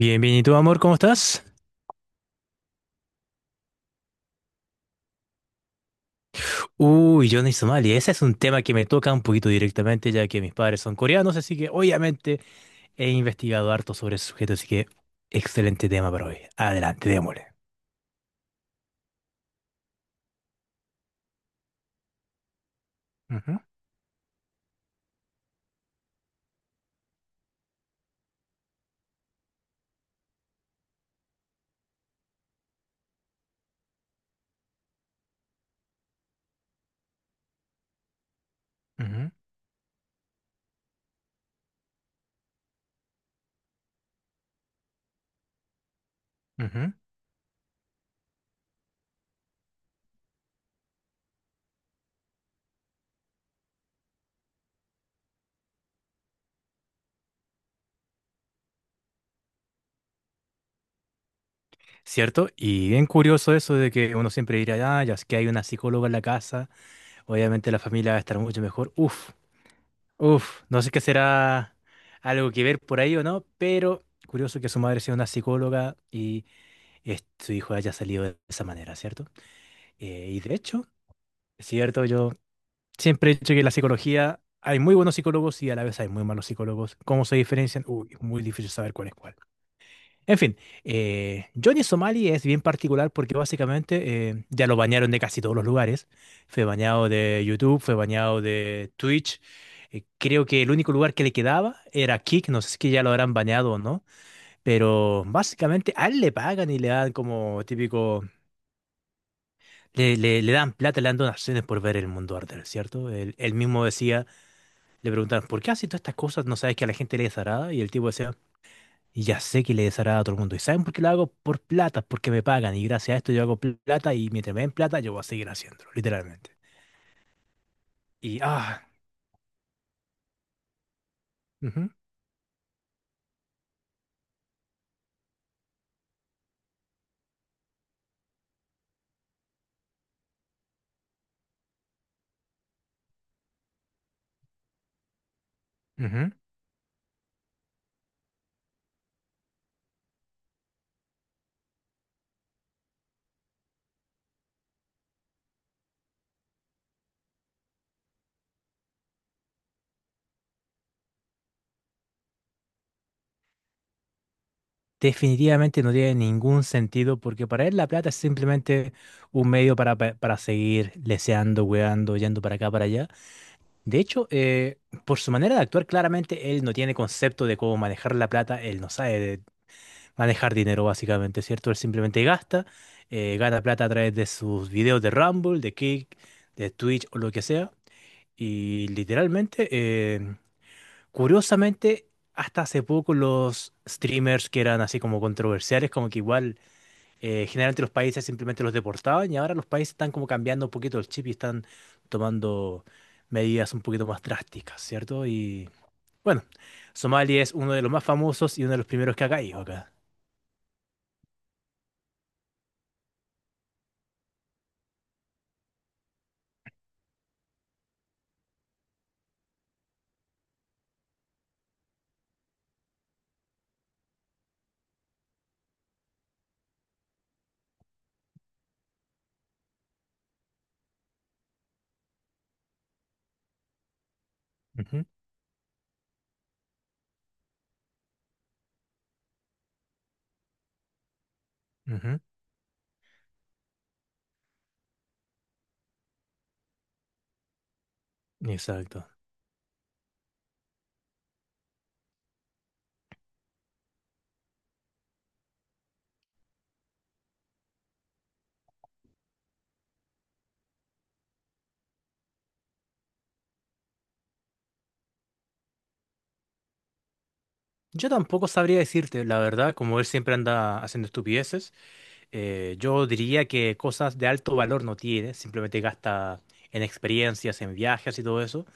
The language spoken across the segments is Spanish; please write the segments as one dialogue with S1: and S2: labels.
S1: Bien, bien, ¿y tú, amor, cómo estás? Uy, Johnny Somalia, ese es un tema que me toca un poquito directamente, ya que mis padres son coreanos, así que obviamente he investigado harto sobre ese sujeto, así que excelente tema para hoy. Adelante, démosle. Ujú, ujú, ujú. ¿Cierto? Y bien curioso eso de que uno siempre dirá, ah, ya es que hay una psicóloga en la casa, obviamente la familia va a estar mucho mejor. Uf, uf, no sé qué será algo que ver por ahí o no, pero curioso que su madre sea una psicóloga y su hijo haya salido de esa manera, ¿cierto? Y de hecho, es cierto, yo siempre he dicho que la psicología, hay muy buenos psicólogos y a la vez hay muy malos psicólogos. ¿Cómo se diferencian? Uy, es muy difícil saber cuál es cuál. En fin, Johnny Somali es bien particular porque básicamente ya lo bañaron de casi todos los lugares. Fue bañado de YouTube, fue bañado de Twitch. Creo que el único lugar que le quedaba era Kick, no sé si que ya lo habrán bañado o no, pero básicamente a él le pagan y le dan como típico. Le dan plata, le dan donaciones por ver el mundo arder, ¿cierto? Él mismo decía, le preguntaban ¿por qué haces todas estas cosas? ¿No sabes que a la gente le desagrada? Y el tipo decía, ya sé que le desagrada a todo el mundo. ¿Y saben por qué lo hago? Por plata, porque me pagan. Y gracias a esto yo hago plata y mientras me den plata yo voy a seguir haciéndolo, literalmente. Y, ah, ujú, ujú. Definitivamente no tiene ningún sentido porque para él la plata es simplemente un medio para, para seguir leseando, weando, yendo para acá, para allá. De hecho, por su manera de actuar, claramente él no tiene concepto de cómo manejar la plata, él no sabe de manejar dinero básicamente, ¿cierto? Él simplemente gasta, gana plata a través de sus videos de Rumble, de Kick, de Twitch o lo que sea. Y literalmente, curiosamente, hasta hace poco los streamers que eran así como controversiales, como que igual generalmente los países simplemente los deportaban y ahora los países están como cambiando un poquito el chip y están tomando medidas un poquito más drásticas, ¿cierto? Y bueno, Somalia es uno de los más famosos y uno de los primeros que ha caído acá. Ujú, ujú. Exacto. Yo tampoco sabría decirte, la verdad, como él siempre anda haciendo estupideces, yo diría que cosas de alto valor no tiene, simplemente gasta en experiencias, en viajes y todo eso.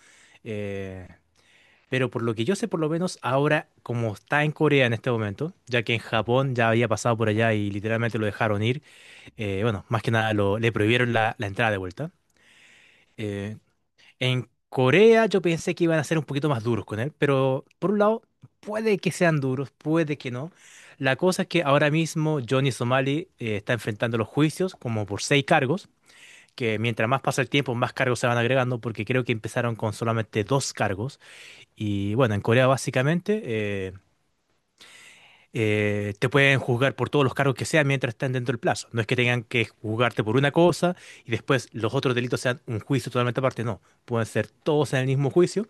S1: Eh, Pero por lo que yo sé, por lo menos ahora, como está en Corea en este momento, ya que en Japón ya había pasado por allá y literalmente lo dejaron ir, bueno, más que nada le prohibieron la entrada de vuelta. Eh, en Corea yo pensé que iban a ser un poquito más duros con él, pero por un lado, puede que sean duros, puede que no. La cosa es que ahora mismo Johnny Somali está enfrentando los juicios como por seis cargos, que mientras más pasa el tiempo, más cargos se van agregando, porque creo que empezaron con solamente dos cargos y bueno, en Corea básicamente te pueden juzgar por todos los cargos que sean mientras estén dentro del plazo. No es que tengan que juzgarte por una cosa y después los otros delitos sean un juicio totalmente aparte, no. Pueden ser todos en el mismo juicio.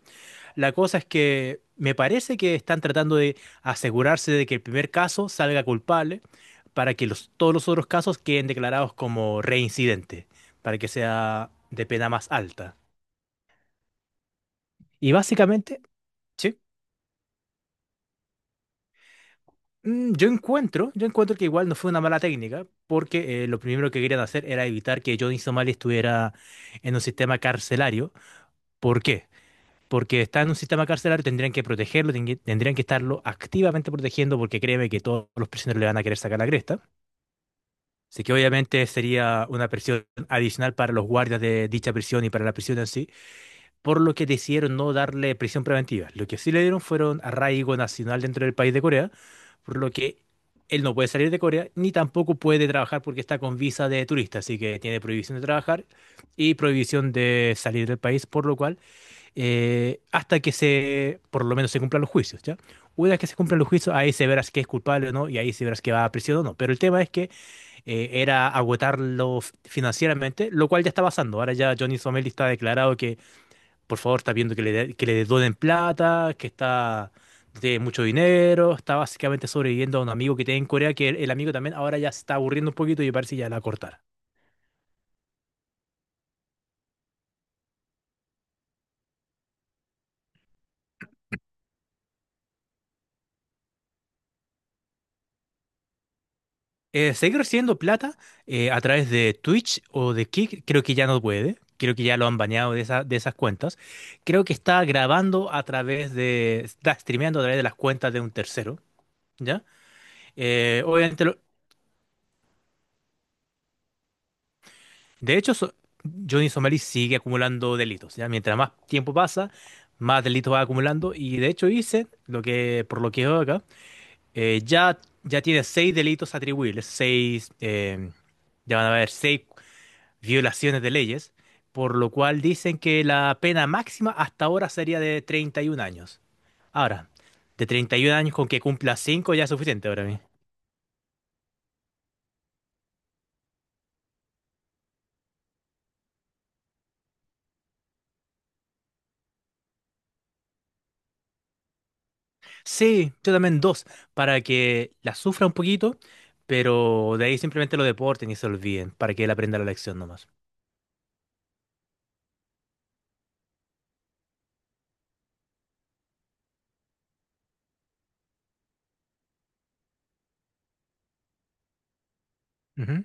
S1: La cosa es que me parece que están tratando de asegurarse de que el primer caso salga culpable para que los, todos los otros casos queden declarados como reincidente, para que sea de pena más alta. Y básicamente... Sí. Mm, Yo encuentro que igual no fue una mala técnica, porque lo primero que querían hacer era evitar que Johnny Somalia estuviera en un sistema carcelario. ¿Por qué? Porque está en un sistema carcelario, tendrían que protegerlo, tendrían que estarlo activamente protegiendo, porque créeme que todos los prisioneros le van a querer sacar la cresta. Así que obviamente sería una presión adicional para los guardias de dicha prisión y para la prisión en sí, por lo que decidieron no darle prisión preventiva. Lo que sí le dieron fueron arraigo nacional dentro del país de Corea, por lo que él no puede salir de Corea ni tampoco puede trabajar porque está con visa de turista, así que tiene prohibición de trabajar y prohibición de salir del país, por lo cual, hasta que se, por lo menos se cumplan los juicios, ¿ya? Una vez que se cumplan los juicios, ahí se verás que es culpable o no, y ahí se verás que va a prisión o no. Pero el tema es que era agotarlo financieramente, lo cual ya está pasando. Ahora ya Johnny Somel está declarado que por favor, está viendo que le, que le donen plata, que está, no tiene mucho dinero, está básicamente sobreviviendo a un amigo que tiene en Corea, que el amigo también ahora ya se está aburriendo un poquito y parece que ya la va a cortar. Seguir recibiendo plata a través de Twitch o de Kick, creo que ya no puede. Creo que ya lo han baneado de, de esas cuentas. Creo que está grabando a través de, está streameando a través de las cuentas de un tercero, ¿ya? Obviamente lo- De hecho, so- Johnny Somerville sigue acumulando delitos, ¿ya? Mientras más tiempo pasa, más delitos va acumulando. Y de hecho dice, lo que, por lo que veo acá, ya, ya tiene seis delitos atribuibles, seis, ya van a haber seis violaciones de leyes, por lo cual dicen que la pena máxima hasta ahora sería de 31 años. Ahora, de 31 años con que cumpla 5 ya es suficiente para mí. Sí, yo también dos, para que la sufra un poquito, pero de ahí simplemente lo deporten y se olviden, para que él aprenda la lección nomás. Ujú.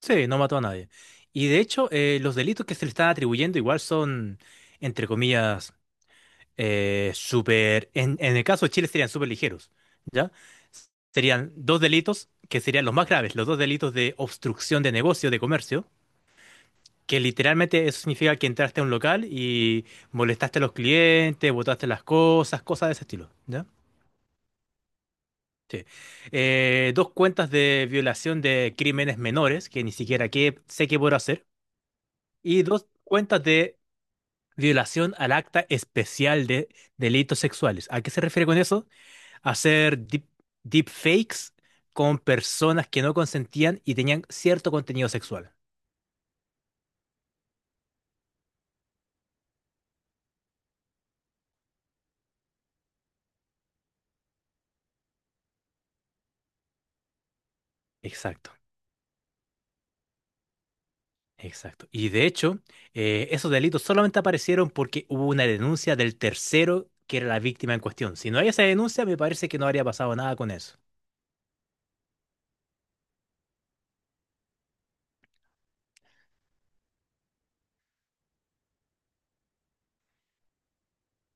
S1: Sí, no mató a nadie. Y de hecho, los delitos que se le están atribuyendo igual son, entre comillas, en el caso de Chile serían súper ligeros, ¿ya? Serían dos delitos que serían los más graves, los dos delitos de obstrucción de negocio, de comercio, que literalmente eso significa que entraste a un local y molestaste a los clientes, botaste las cosas, cosas de ese estilo, ¿ya? Sí. Dos cuentas de violación de crímenes menores, que ni siquiera sé qué puedo hacer, y dos cuentas de violación al acta especial de delitos sexuales. ¿A qué se refiere con eso? Hacer deepfakes con personas que no consentían y tenían cierto contenido sexual. Exacto. Exacto. Y de hecho, esos delitos solamente aparecieron porque hubo una denuncia del tercero que era la víctima en cuestión. Si no hay esa denuncia, me parece que no habría pasado nada con eso.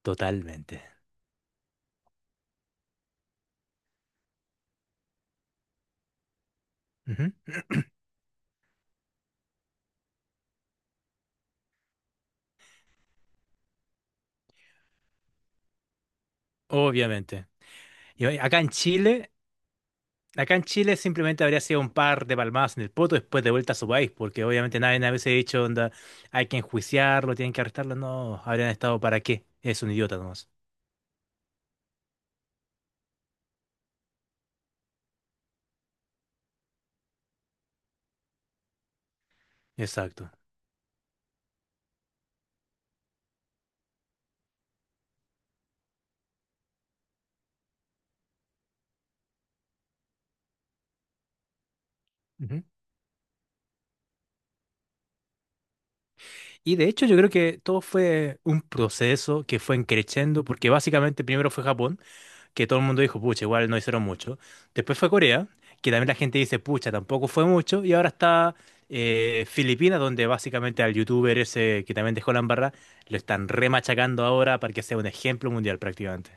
S1: Totalmente. Ujú. Obviamente. Y oye, acá en Chile simplemente habría sido un par de palmadas en el poto después de vuelta a su país, porque obviamente nadie hubiese dicho, onda, hay que enjuiciarlo, tienen que arrestarlo. No, habrían estado para qué. Es un idiota nomás. Exacto. Y de hecho yo creo que todo fue un proceso que fue creciendo, porque básicamente primero fue Japón, que todo el mundo dijo, pucha, igual no hicieron mucho. Después fue Corea, que también la gente dice, pucha, tampoco fue mucho. Y ahora está Filipinas, donde básicamente al youtuber ese que también dejó la embarra, lo están remachacando ahora para que sea un ejemplo mundial prácticamente.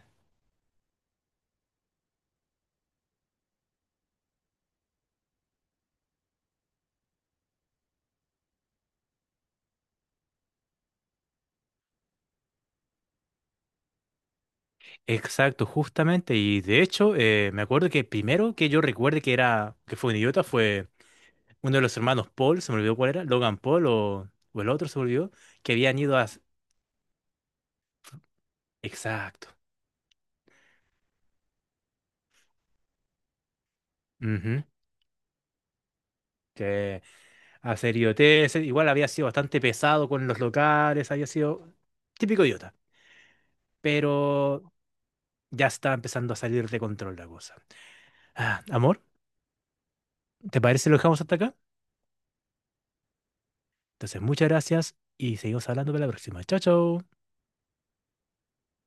S1: Exacto, justamente. Y de hecho, me acuerdo que primero que yo recuerde que era, que fue un idiota fue... uno de los hermanos Paul, se me olvidó cuál era, Logan Paul o el otro se me olvidó, que habían ido a... Exacto. Ujú. Que a hacer idioteces, igual había sido bastante pesado con los locales, había sido típico idiota, pero ya está empezando a salir de control la cosa. Ah, amor, ¿te parece si lo dejamos hasta acá? Entonces, muchas gracias y seguimos hablando para la próxima. Chao, chao.